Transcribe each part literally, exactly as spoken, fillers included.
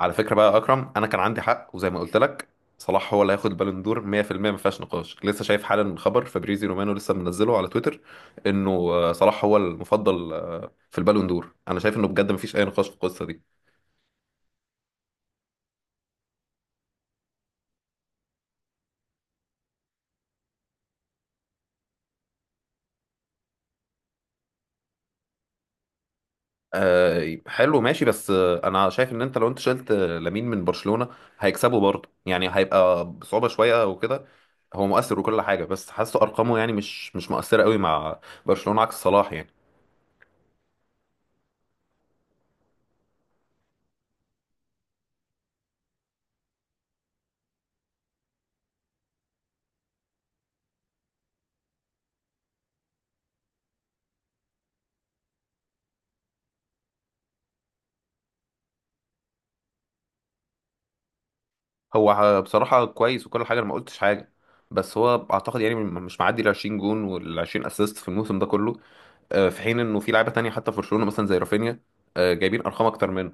على فكرة بقى يا أكرم، أنا كان عندي حق وزي ما قلت لك، صلاح هو اللي هياخد البالون دور مية في المية. ما فيهاش نقاش. لسه شايف حالا خبر فابريزي رومانو لسه منزله على تويتر إنه آه، صلاح هو المفضل آه، في البالون دور. أنا شايف إنه بجد ما فيش أي نقاش في القصة دي. آه، حلو، ماشي. بس آه، أنا شايف إن أنت لو أنت شلت آه، لامين من برشلونة هيكسبه برضه. يعني هيبقى بصعوبة شوية وكده. هو مؤثر وكل حاجة، بس حاسه أرقامه يعني مش مش مؤثرة قوي مع برشلونة عكس صلاح يعني. هو ه- بصراحة كويس وكل حاجة، أنا ما قلتش حاجة، بس هو أعتقد يعني م- مش معدي ال عشرين جون وال عشرين أسيست في الموسم ده كله. آه، في حين إنه في لعيبة تانية حتى في برشلونة مثلا زي رافينيا آه، جايبين أرقام أكتر منه.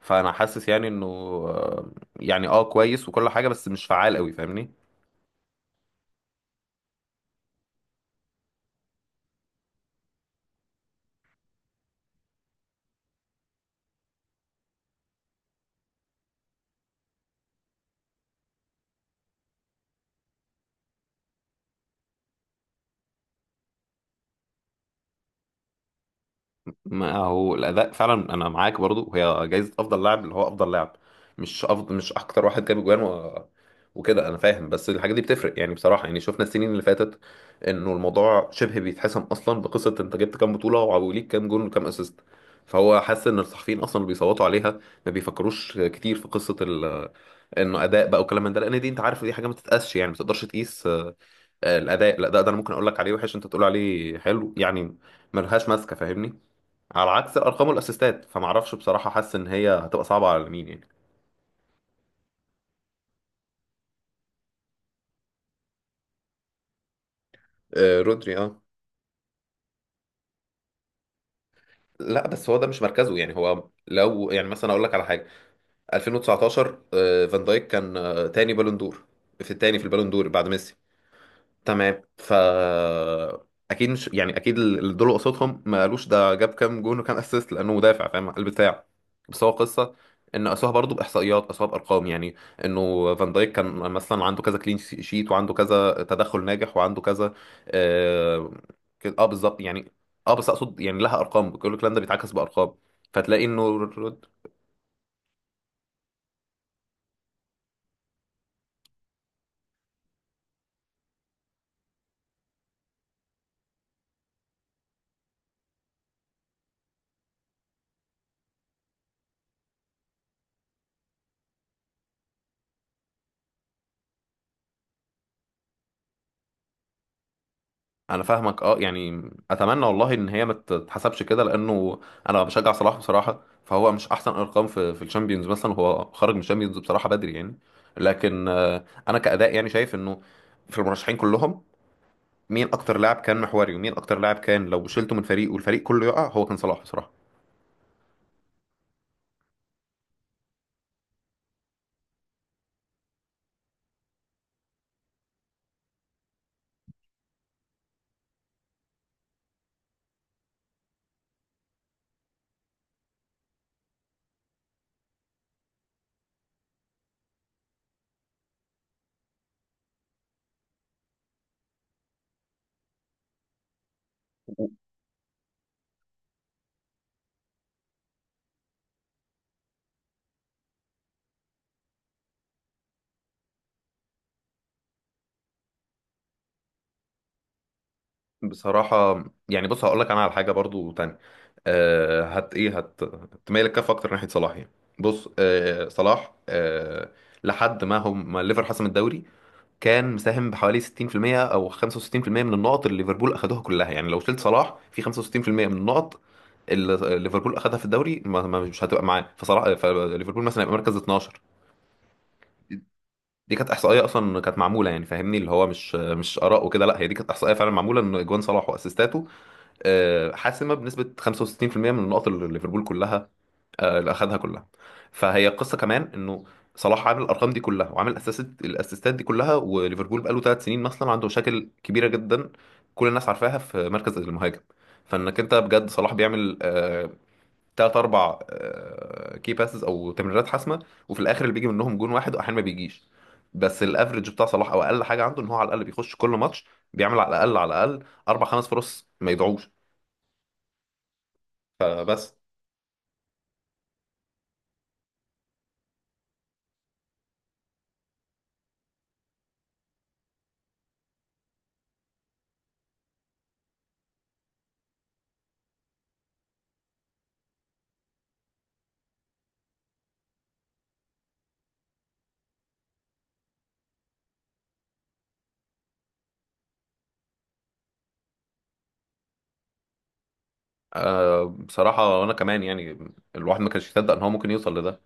فأنا حاسس يعني إنه، آه، يعني أه كويس وكل حاجة، بس مش فعال أوي، فاهمني؟ ما هو الاداء فعلا، انا معاك. برضو هي جايزه افضل لاعب، اللي هو افضل لاعب، مش افضل، مش اكتر واحد جاب جوان و... وكده، انا فاهم. بس الحاجات دي بتفرق يعني، بصراحه يعني شفنا السنين اللي فاتت، انه الموضوع شبه بيتحسم اصلا بقصه انت جبت كام بطوله وليك كام جون وكام اسيست. فهو حاسس ان الصحفيين اصلا اللي بيصوتوا عليها ما بيفكروش كتير في قصه ال... انه اداء بقى وكلام من ده، لان دي انت عارف دي حاجه ما تتقاسش، يعني ما تقدرش تقيس. آه، الاداء الاداء ده انا ممكن اقول لك عليه وحش، انت تقول عليه حلو، يعني ملهاش ماسكه فاهمني. على عكس ارقامه الاسيستات، فمعرفش بصراحه، حاسس ان هي هتبقى صعبه على مين يعني. آه، رودري، اه. لا بس هو ده مش مركزه، يعني هو لو يعني مثلا اقول لك على حاجه، ألفين وتسعتاشر آه فان دايك كان آه تاني بالون دور، في التاني في البالون دور بعد ميسي. تمام. فا اكيد مش، يعني اكيد اللي دول قصتهم ما قالوش ده جاب كام جون وكام اسيست لانه مدافع، فاهم البتاع. بس هو قصه ان قاسوها برضه باحصائيات، قاسوها بارقام يعني، انه فان دايك كان مثلا عنده كذا كلين شيت وعنده كذا تدخل ناجح وعنده كذا. اه. كده- آه بالظبط يعني. اه بس اقصد يعني لها ارقام، كل الكلام ده بيتعكس بارقام، فتلاقي انه انا فاهمك. اه يعني اتمنى والله ان هي ما تتحسبش كده، لانه انا بشجع صلاح بصراحه. فهو مش احسن ارقام في في الشامبيونز مثلا، هو خرج من الشامبيونز بصراحه بدري يعني. لكن آه، انا كاداء يعني شايف انه في المرشحين كلهم، مين اكتر لاعب كان محوري، ومين اكتر لاعب كان لو شلته من فريق والفريق كله يقع، هو كان صلاح بصراحه. و- بصراحه يعني، بص هقول لك انا على حاجه برضو تاني. أه هت ايه هت تميل الكف اكتر ناحيه صلاح يعني. بص، أه صلاح، أه لحد ما هم ما ليفر حسم الدوري كان مساهم بحوالي ستين في المية او خمسة وستين في المية من النقط اللي ليفربول اخذوها كلها. يعني لو شلت صلاح في خمسة وستين في المية من النقط اللي ليفربول اخذها في الدوري، ما ما- مش هتبقى معاه. فصلاح فليفربول مثلا يبقى مركز اتناشر. دي كانت احصائيه اصلا كانت معموله، يعني فاهمني اللي هو مش مش اراء وكده، لا هي دي كانت احصائيه فعلا معموله ان اجوان صلاح واسيستاته آه، حاسمه بنسبه خمسة وستين في المية من النقط اللي ليفربول كلها آه، اللي اخذها كلها. فهي القصه كمان انه صلاح عامل الارقام دي كلها، وعامل اسيست الاسيستات دي كلها، وليفربول بقاله ثلاث سنين مثلا عنده مشاكل كبيره جدا، كل الناس عارفاها في مركز المهاجم. فانك انت بجد صلاح بيعمل آه تلات اربع آه كي باسز او تمريرات حاسمه، وفي الاخر اللي بيجي منهم جون واحد واحيانا ما بيجيش. بس الافرج بتاع صلاح او اقل حاجه عنده ان هو على الاقل بيخش كل ماتش بيعمل على الاقل على الاقل اربع خمس فرص ما يضيعوش. آه، بس أه بصراحة أنا كمان يعني الواحد ما كانش يصدق إن هو ممكن يوصل لده.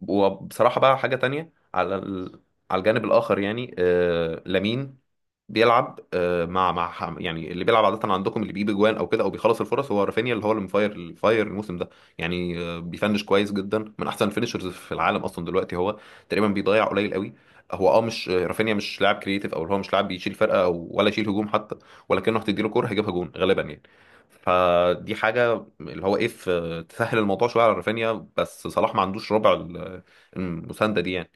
وبصراحة بقى حاجة تانية على ال... على الجانب الآخر يعني، آه لامين بيلعب آه مع مع ح- يعني اللي بيلعب عادة عندكم اللي بيجيب جوان أو كده أو بيخلص الفرص هو رافينيا، اللي هو اللي مفاير الفاير الموسم ده يعني. آه بيفنش كويس جدا، من أحسن الفينشرز في العالم أصلا دلوقتي هو، تقريبا بيضيع قليل قوي. هو اه مش آه، رافينيا مش لاعب كريتيف، او اللي هو مش لاعب بيشيل فرقه او ولا يشيل هجوم حتى. ولكنه هتديله كوره هيجيبها جون غالبا يعني، فدي حاجه اللي هو ايه تسهل الموضوع شويه على رافينيا. بس صلاح ما عندوش ربع ال- المسانده دي يعني.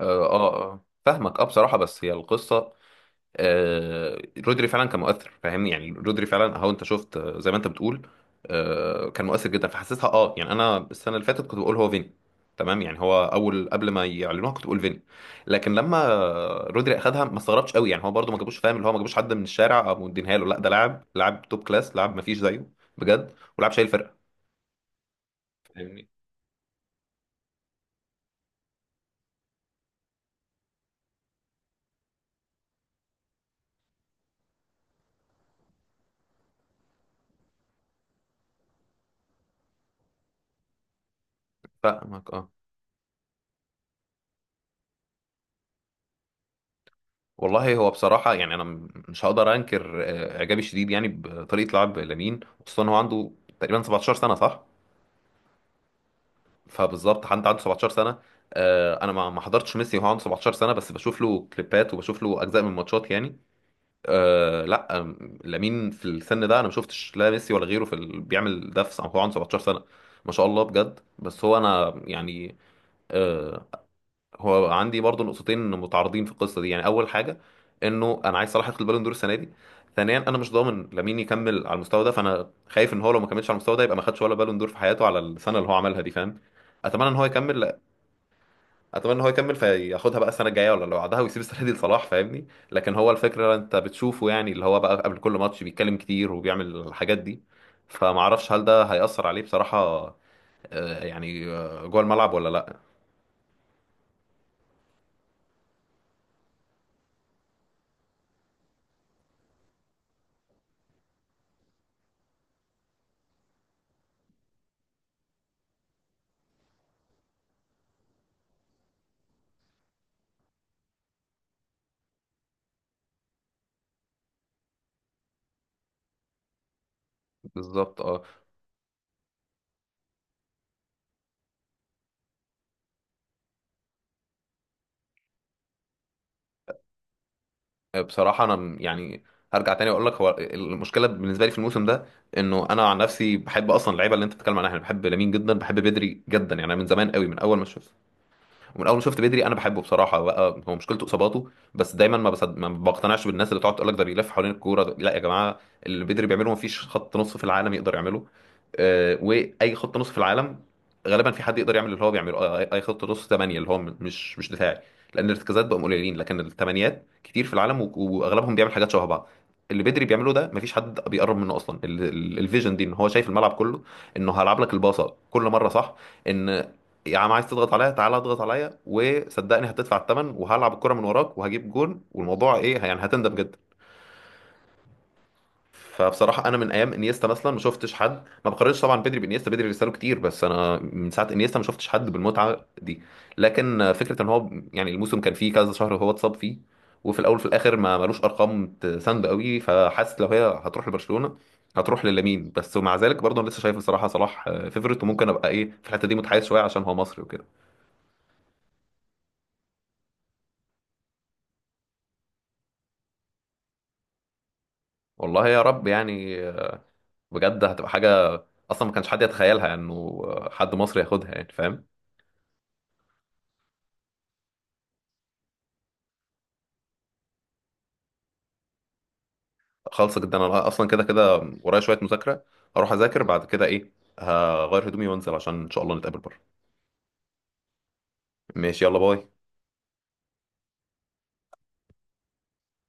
اه، اه، آه. فاهمك اه بصراحه، بس هي القصه. آه رودري فعلا كان مؤثر، فاهمني. يعني رودري فعلا اهو انت شفت، آه، زي ما انت بتقول، آه كان مؤثر جدا. فحسيتها اه، يعني انا السنه اللي فاتت كنت بقول هو فيني، تمام، يعني هو اول قبل ما يعلنوها كنت بقول فيني. لكن لما رودري اخدها ما استغربتش قوي، يعني هو برده ما جابوش، فاهم اللي هو ما جابوش حد من الشارع او مدينها له، لا ده لاعب، لاعب توب كلاس، لاعب ما فيش زيه بجد، ولاعب شايل فرقه. فاهمك اه. والله هو بصراحة يعني أنا م- مش هقدر أنكر آه، إعجابي الشديد يعني بطريقة لعب لامين. خصوصا هو عنده تقريبا سبعة عشر سنة، صح؟ فبالظبط حد عنده سبعة عشر سنة، آه، أنا ما ما حضرتش ميسي وهو عنده سبعة عشر سنة، بس بشوف له كليبات وبشوف له أجزاء من ماتشات يعني. آه، لا آم، لامين في السن ده أنا ما شفتش لا ميسي ولا غيره في ال... بيعمل ده في هو عنده سبعة عشر سنة، ما شاء الله بجد. بس هو أنا يعني، آه، هو عندي برضو نقطتين متعارضين في القصه دي يعني. اول حاجه انه انا عايز صلاح ياخد البالون دور السنه دي. ثانيا انا مش ضامن لامين يكمل على المستوى ده، فانا خايف ان هو لو ما كملش على المستوى ده يبقى ما خدش ولا بالون دور في حياته على السنه اللي هو عملها دي، فاهم؟ اتمنى ان هو يكمل. لا. اتمنى ان هو يكمل فياخدها بقى السنه الجايه ولا اللي بعدها، ويسيب السنه دي لصلاح فاهمني. لكن هو الفكره انت بتشوفه يعني، اللي هو بقى قبل كل ماتش بيتكلم كتير وبيعمل الحاجات دي، فما اعرفش هل ده هيأثر عليه بصراحه آه، يعني آه، جوه الملعب ولا لا. بالظبط اه. بصراحة أنا م- يعني هرجع تاني وأقول لك، هو المشكلة بالنسبة لي في الموسم ده إنه أنا عن نفسي بحب أصلا اللعيبة اللي أنت بتتكلم عنها، أنا بحب لامين جدا، بحب بدري جدا، يعني أنا من زمان قوي من أول ما شفت. ومن اول ما شفت بدري انا بحبه بصراحه. بقى هو مشكلته اصاباته بس، دايما ما بصد... ما بقتنعش بالناس اللي بتقعد تقول لك ده بيلف حوالين الكوره، ده... لا يا جماعه، اللي بدري بيعمله ما فيش خط نص في العالم يقدر يعمله. آه، واي خط نص في العالم غالبا في حد يقدر يعمل اللي هو بيعمله. آه، اي أي خط نص ثمانيه اللي هو م- مش مش دفاعي. لان الارتكازات بقوا قليلين، لكن الثمانيات كتير في العالم و... واغلبهم بيعمل حاجات شبه بعض. اللي بدري بيعمله ده مفيش حد بيقرب منه اصلا، ال- ال- الفيجن دي ان هو شايف الملعب كله، انه هلعب لك الباصه كل مره صح، ان يا عم عايز تضغط عليا تعالى اضغط عليا وصدقني هتدفع الثمن، وهلعب الكرة من وراك وهجيب جون، والموضوع ايه يعني، هتندم جدا. فبصراحة أنا من أيام إنيستا مثلا ما شفتش حد، ما بقارنش طبعا بدري بإنيستا، بدري رساله كتير، بس أنا من ساعة إنيستا ما شفتش حد بالمتعة دي. لكن فكرة إن هو يعني الموسم كان فيه كذا شهر هو اتصاب فيه، وفي الأول وفي الآخر ما ملوش أرقام تساند قوي، فحاسس لو هي هتروح لبرشلونة هتروح للامين بس. ومع ذلك برضه أنا لسه شايف بصراحة صلاح فيفرت، وممكن أبقى إيه في الحتة دي متحيز شوية عشان هو مصري وكده. والله يا رب يعني، بجد هتبقى حاجة أصلا ما كانش حد يتخيلها، يعني إنه حد مصري ياخدها، يعني فاهم؟ خالصة جدا، أنا أصلا كده كده ورايا شوية مذاكرة، هروح أذاكر بعد كده، إيه، هغير هدومي وأنزل عشان إن شاء الله نتقابل بره. ماشي، يلا باي.